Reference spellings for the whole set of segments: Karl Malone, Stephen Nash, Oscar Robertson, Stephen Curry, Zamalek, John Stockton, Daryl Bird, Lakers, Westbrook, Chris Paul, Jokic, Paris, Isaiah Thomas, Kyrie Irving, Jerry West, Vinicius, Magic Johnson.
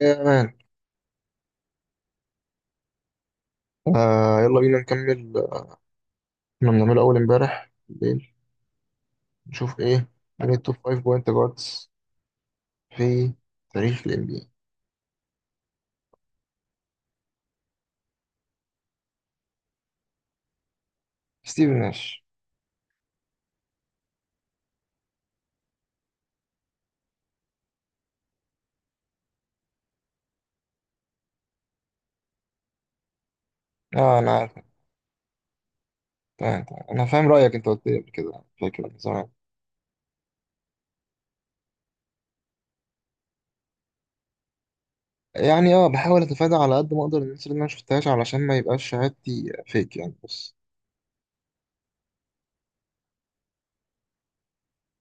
يا مان. يلا بينا نكمل، آه، كنا بنعمله أول امبارح بالليل نشوف إيه من التوب 5 بوينت جاردز في تاريخ ال NBA. ستيفن ناش. آه أنا عارف. تمام أنا فاهم رأيك، أنت قلت لي قبل كده، فاكر من زمان. يعني آه بحاول أتفادى على قد ما أقدر الناس اللي أنا مشفتهاش علشان ما يبقاش شهادتي فيك يعني. بص،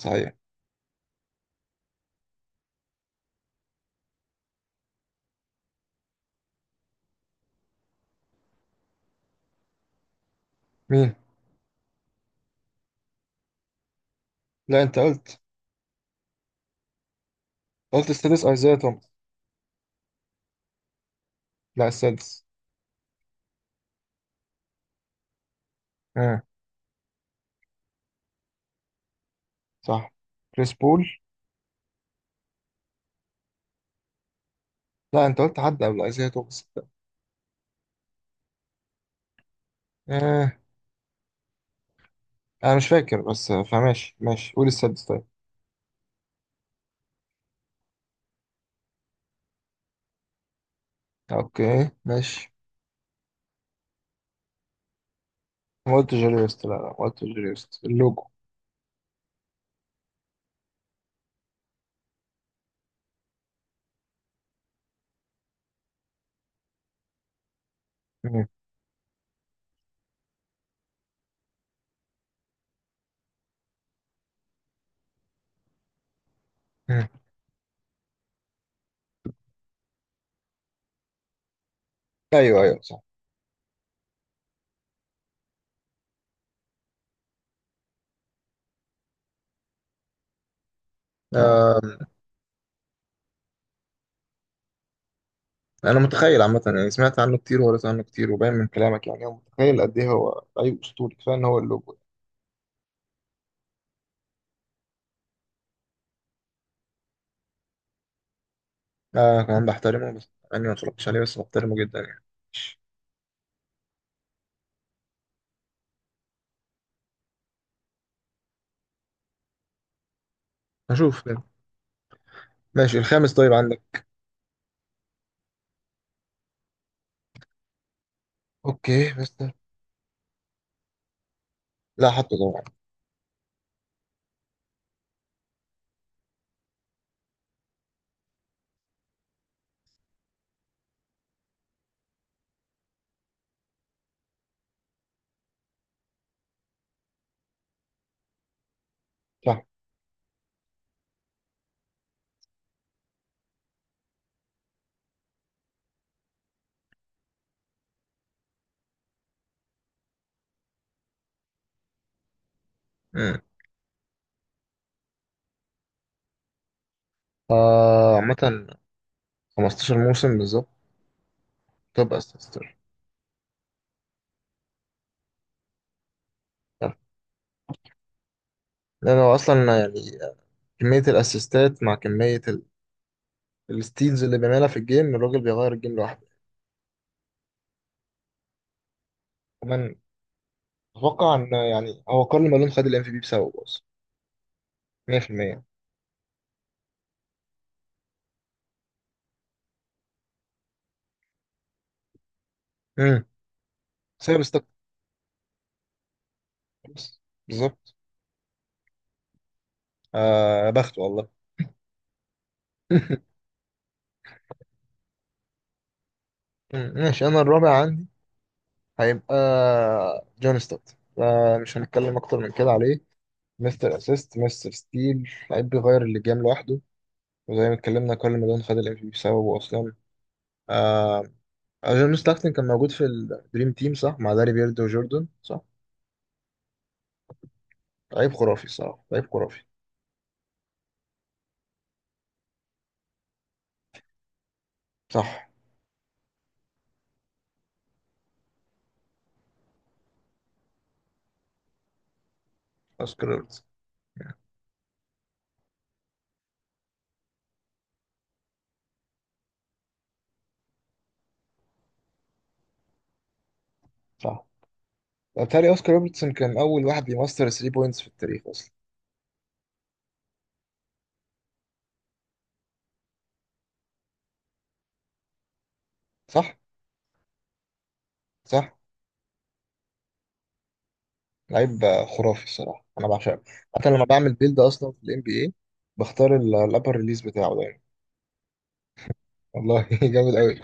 صحيح. مين؟ لا أنت قلت. قلت السادس أيزايا توماس. لا السادس. آه. صح. كريس بول. لا أنت قلت حد قبل أيزايا توماس. آه انا مش فاكر بس فماشي ماشي، قول السادس طيب. اوكي ماشي. ما قلتش جيري ويست، لا لا ما قلتش جيري ويست اللوجو. مم. مم. ايوه ايوه صح. آه انا متخيل عامه، يعني سمعت عنه كتير وقريت عنه كتير، وباين من كلامك يعني هو متخيل قد ايه هو. اي اسطوري كفايه ان هو اللوجو. آه كمان بحترمه، بس انا ما اتفرجتش عليه، بس بحترمه جدا يعني. ماشي. هشوف كده. ماشي الخامس طيب عندك. اوكي بس ده. لا حطه طبعا. صح. مم. آه عامة. 15 موسم بالظبط. توب اسيستر. لأنه أصلا يعني كمية الأسيستات مع كمية الستيلز اللي بيعملها في الجيم، الراجل بيغير الجيم لوحده. كمان أتوقع إن يعني هو كارل مالون خد ال MVP بسببه أصلا. 100%. امم. بسبب ستوك. بس. بالظبط. آه بخت والله. مم، ماشي. أنا الرابع عندي. هيبقى جون ستوكت، فمش هنتكلم أكتر من كده عليه. مستر أسيست، مستر ستيل، لعيب بيغير اللي جام لوحده. وزي ما اتكلمنا كارل مالون خد ال MVP بسببه أصلا. آه، جون ستاكتن كان موجود في الدريم تيم صح، مع داري بيرد وجوردن صح. لعيب خرافي الصراحة، لعيب خرافي. صح. اوسكار روبرتسون. صح، وبالتالي اوسكار روبرتسون كان اول واحد بيمستر 3 بوينتس في التاريخ اصلا. صح. صح. لعيب آه، خرافي الصراحة، انا بعشقه. حتى لما بعمل بيلد اصلا في الام بي اي بختار الابر ريليز بتاعه دايما. والله جامد قوي.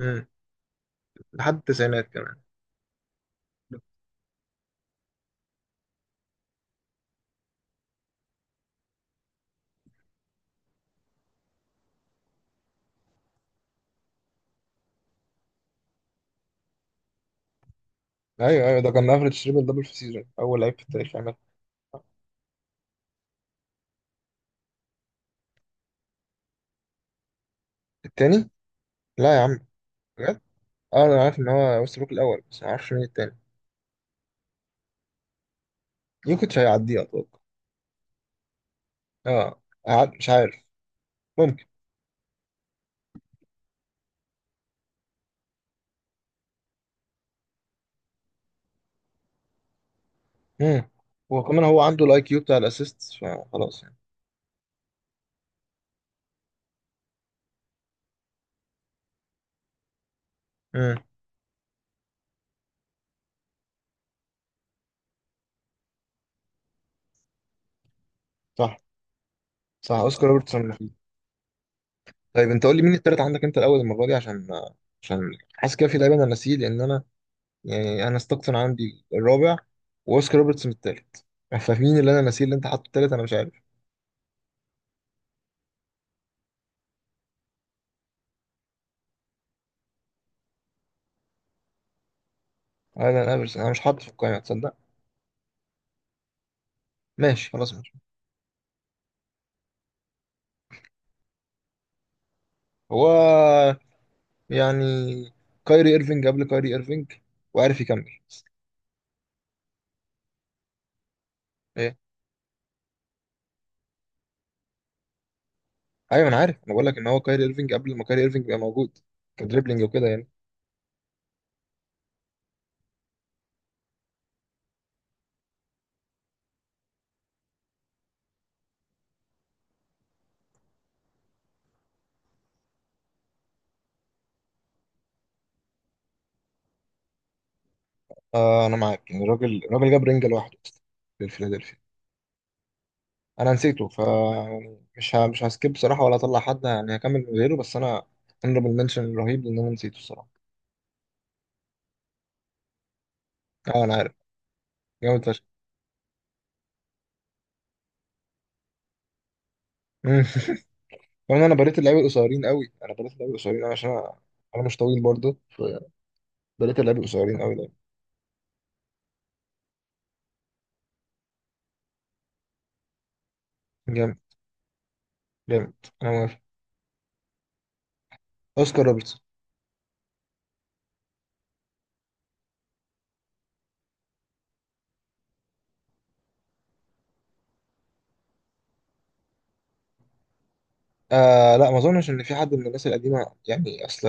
امم. لحد التسعينات كمان. ايوه ايوه ده كان افريج تريبل دبل في سيزون، اول لعيب في التاريخ يعمل. التاني. لا يا عم. بجد. اه انا عارف ان هو ويست بروك الاول، بس ما اعرفش مين التاني. يوكيتش هيعديه اتوقع. اه. مش عارف. ممكن. مم. هو كمان هو عنده الاي كيو بتاع الاسيست، فخلاص يعني. مم. صح. صح، اوسكار روبرتسون مفيد. طيب انت قول لي مين التالت عندك، انت الاول المره دي، عشان عشان حاسس كده في لعيبه انا ناسيه، لان انا ستوكتون عندي الرابع، واوسكار روبرتسون التالت، فمين اللي انا ناسيه اللي انت حاطه التالت؟ انا مش عارف. انا انا مش أنا مش حاطه في القائمه، تصدق. ماشي خلاص ماشي. هو يعني كايري ايرفينج قبل كايري ايرفينج، وعارف يكمل. ايه. ايوه انا عارف، انا بقول لك ان هو كايري ايرفينج قبل ما كايري ايرفينج يبقى موجود. كدريبلينج وكده يعني. آه انا معاك يعني، الراجل جاب رينجا لوحده للفيلادلفيا. انا نسيته ف يعني مش هسكيب بصراحه ولا اطلع حد، يعني هكمل من غيره، بس انا هنربل منشن رهيب لان انا نسيته الصراحه. اه انا عارف. جامد فشخ. مم. كمان انا بريت اللعيبه القصيرين قوي انا بريت اللعيبه القصيرين قوي عشان انا انا مش طويل برضه، فبريت اللعيبه القصيرين قوي ده. جامد جامد. انا موافق. اوسكار روبرتسون. آه لا ما اظنش ان في حد من الناس القديمه يعني. اصل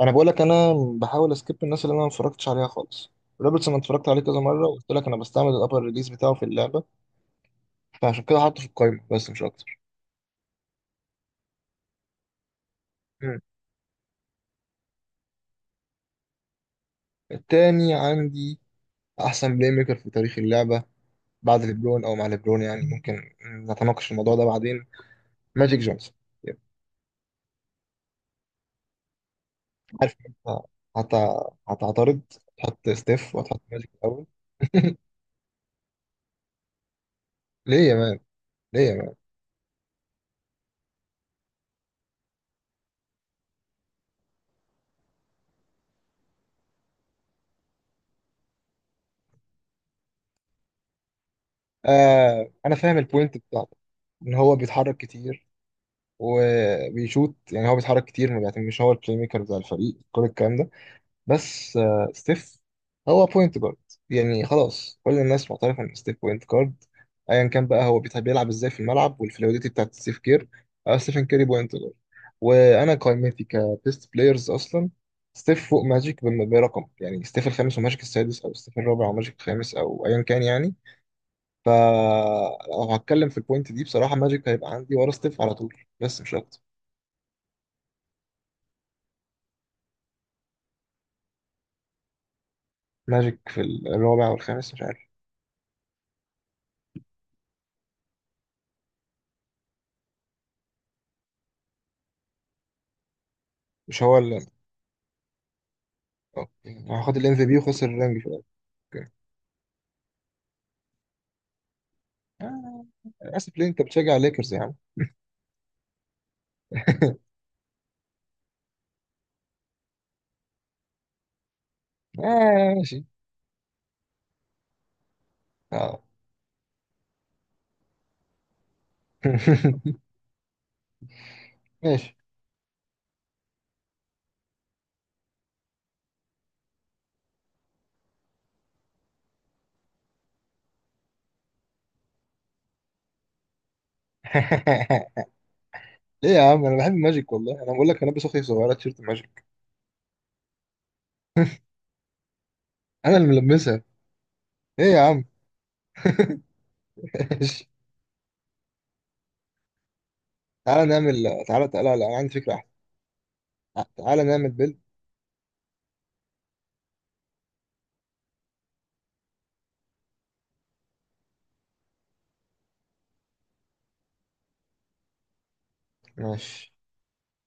انا بقول لك انا بحاول اسكيب الناس اللي انا ما اتفرجتش عليها خالص. روبرتسون أنا اتفرجت عليه كذا مره، وقلت لك انا بستعمل الابر ريليز بتاعه في اللعبه، فعشان كده حاطه في القايمه بس مش اكتر. مم. التاني عندي احسن بلاي ميكر في تاريخ اللعبه بعد ليبرون او مع ليبرون، يعني ممكن نتناقش في الموضوع ده بعدين. ماجيك جونسون. يب. عارف انت هت- هتعترض تحط ستيف وهتحط ماجيك الاول. ليه يا مان؟ ليه يا مان؟ آه انا فاهم البوينت بتاعته، ان هو بيتحرك كتير وبيشوت، يعني هو بيتحرك كتير، ما مش هو البلاي ميكر بتاع الفريق، كل الكلام ده. بس آه ستيف هو بوينت جارد، يعني خلاص كل الناس معترفه ان ستيف بوينت جارد. ايا كان بقى هو بيتحب يلعب ازاي في الملعب، والفلويدتي بتاعت ستيف كير. آه ستيفن كيري بوينت جارد، وانا قائمتي كبيست بلايرز اصلا ستيف فوق ماجيك برقم. يعني ستيف الخامس وماجيك السادس، او ستيف الرابع وماجيك الخامس، او ايا كان يعني. فلو هتكلم في البوينت دي بصراحة، ماجيك هيبقى عندي ورا ستيف على طول، بس مش أكتر. ماجيك في الرابع والخامس مش عارف. مش هو اللي… آه. يعني هاخد الام في بي وخسر الرينج في الأول. آه. آسف ليه أنت بتشجع ليكرز يا عم؟ آه ماشي. آه. ماشي. ليه يا عم؟ أنا بحب ماجيك والله، أنا بقول لك أنا لابس أختي صغيرة تيشيرت ماجيك. أنا اللي ملبسها. إيه يا عم. ماشي. تعالى نعمل، تعالى لا، أنا عندي فكرة أحسن. آه، تعالى نعمل بيلد. ماشي